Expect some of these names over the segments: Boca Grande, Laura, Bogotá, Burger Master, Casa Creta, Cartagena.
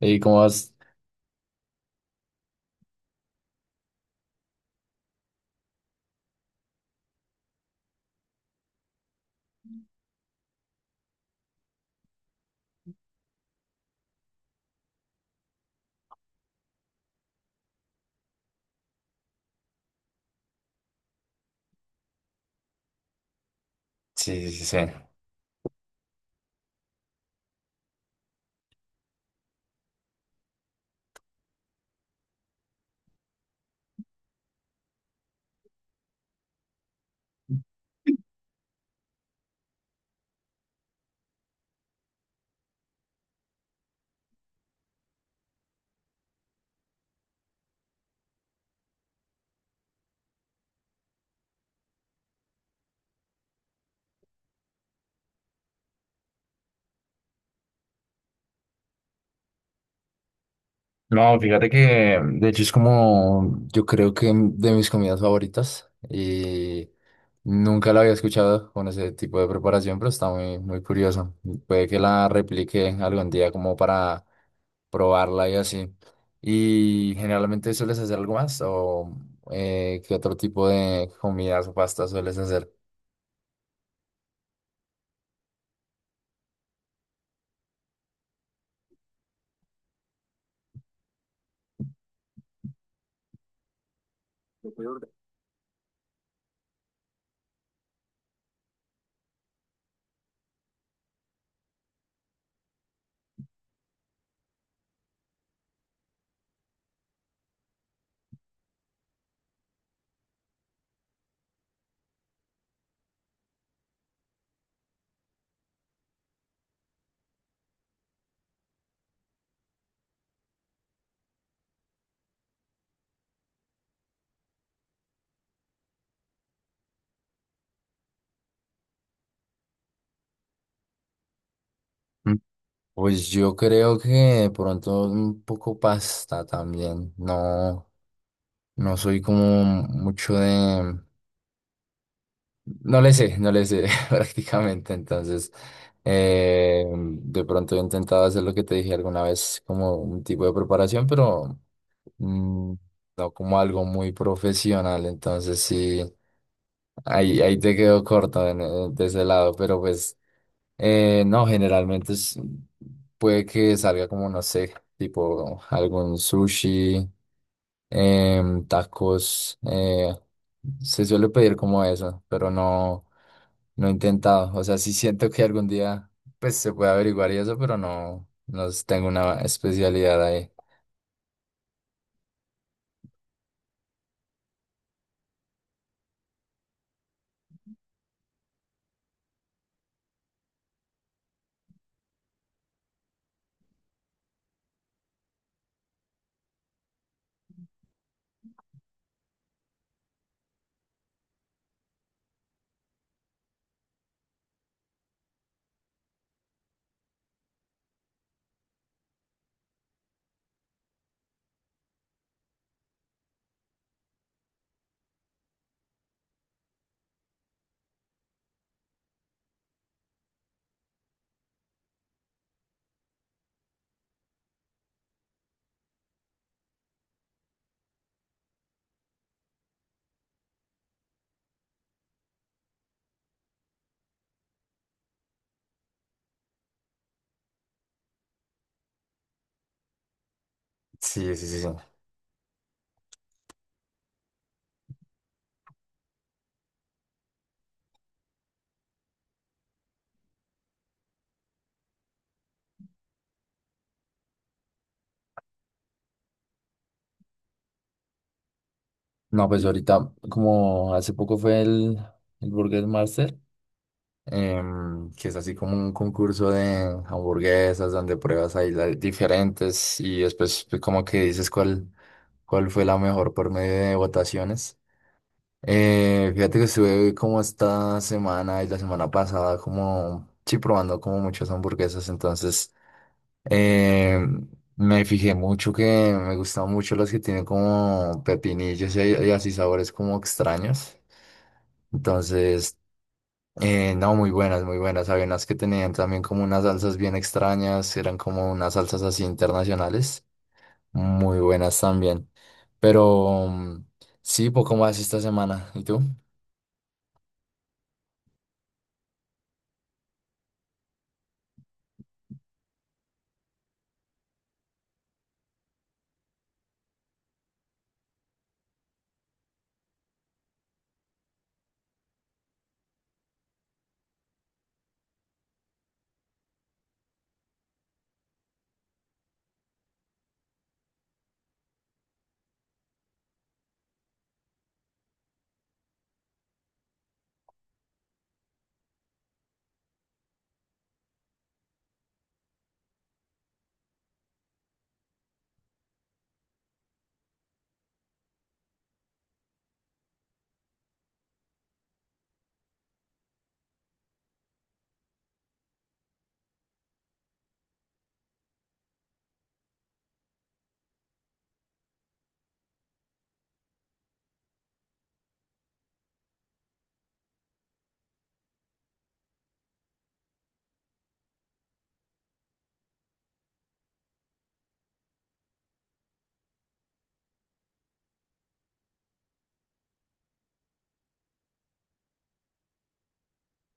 ¿Y cómo vas? No, fíjate que de hecho es como yo creo que de mis comidas favoritas y nunca la había escuchado con ese tipo de preparación, pero está muy, muy curioso. Puede que la replique algún día como para probarla y así. ¿Y generalmente sueles hacer algo más o qué otro tipo de comidas o pastas sueles hacer? Mm. Pues yo creo que de pronto un poco pasta también, no. No soy como mucho de... No le sé, no le sé prácticamente. Entonces, de pronto he intentado hacer lo que te dije alguna vez, como un tipo de preparación, pero mm, no como algo muy profesional. Entonces, sí, ahí te quedo corto en- de ese lado. Pero pues, no, generalmente es- puede que salga como, no sé, tipo algún sushi tacos. Se suele pedir como eso, pero no, no he intentado. O sea, sí siento que algún día pues se puede averiguar y eso, pero no, no tengo una especialidad ahí. Sí, sí, sí, sí. No, pues ahorita, como hace poco fue el Burger Master, que es así como un concurso de hamburguesas donde pruebas ahí las diferentes y después pues, como que dices cuál fue la mejor por medio de votaciones. Fíjate que estuve como esta semana y la semana pasada como, sí, probando como muchas hamburguesas, entonces eh, me fijé mucho que me gustan mucho las que tienen como pepinillos y así sabores como extraños, entonces, no, muy buenas, había unas que tenían también como unas salsas bien extrañas, eran como unas salsas así internacionales, muy buenas también, pero sí, poco más esta semana, ¿y tú?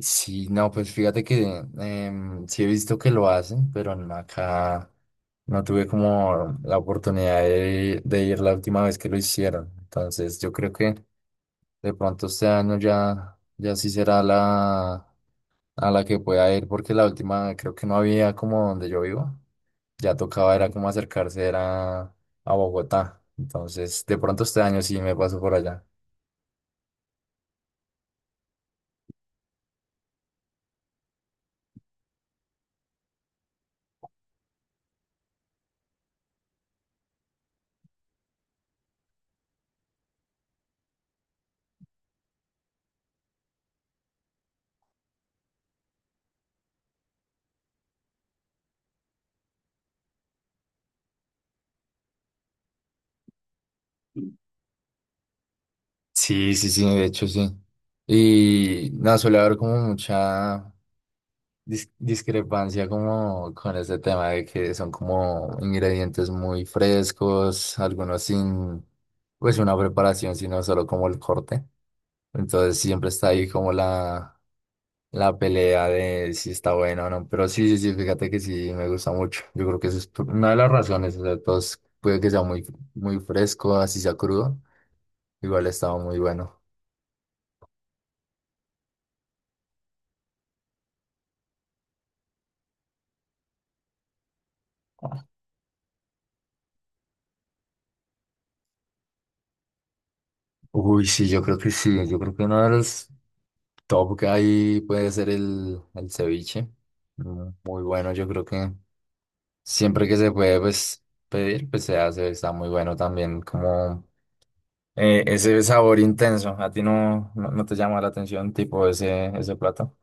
Sí, no, pues fíjate que sí he visto que lo hacen, pero no, acá no tuve como la oportunidad de ir la última vez que lo hicieron. Entonces yo creo que de pronto este año ya sí será la a la que pueda ir, porque la última creo que no había como donde yo vivo. Ya tocaba, era como acercarse, era a Bogotá. Entonces de pronto este año sí me paso por allá. Sí, sí, sí, de hecho sí. Y nada, suele haber como mucha dis- discrepancia como con este tema de que son como ingredientes muy frescos, algunos sin pues una preparación, sino solo como el corte. Entonces siempre está ahí como la pelea de si está bueno o no. Pero sí, sí, sí, fíjate que sí me gusta mucho. Yo creo que eso es por- una de las razones. O sea, todos puede que sea muy, muy fresco, así sea crudo. Igual estaba muy bueno. Uy, sí, yo creo que sí. Yo creo que uno de los top ahí puede ser el ceviche. Muy bueno, yo creo que siempre que se puede pues, pedir, pues se hace, está muy bueno también, como ese sabor intenso. ¿A ti no, no, no te llama la atención tipo ese plato?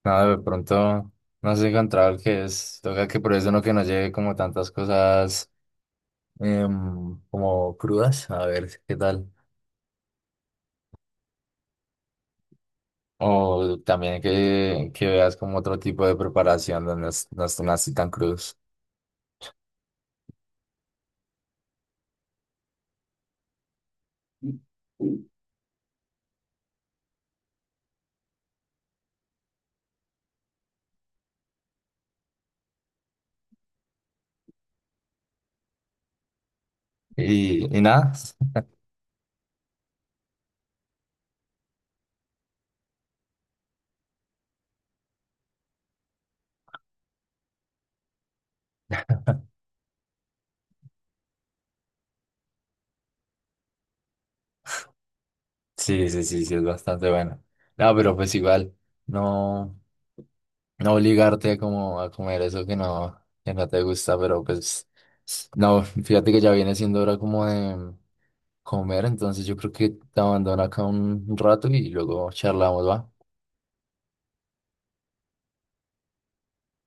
Nada, de pronto no has encontrado el que es. Toca que por eso no que no lleve como tantas cosas como crudas. A ver qué tal. O también que veas como otro tipo de preparación donde no, es- no estén así tan crudos. Nada, sí, sí, sí, sí, es bastante bueno. No, pero pues igual, no, no obligarte como a comer eso que no te gusta, pero pues, no, fíjate que ya viene siendo hora como de comer, entonces yo creo que te abandono acá un rato y luego charlamos, ¿va?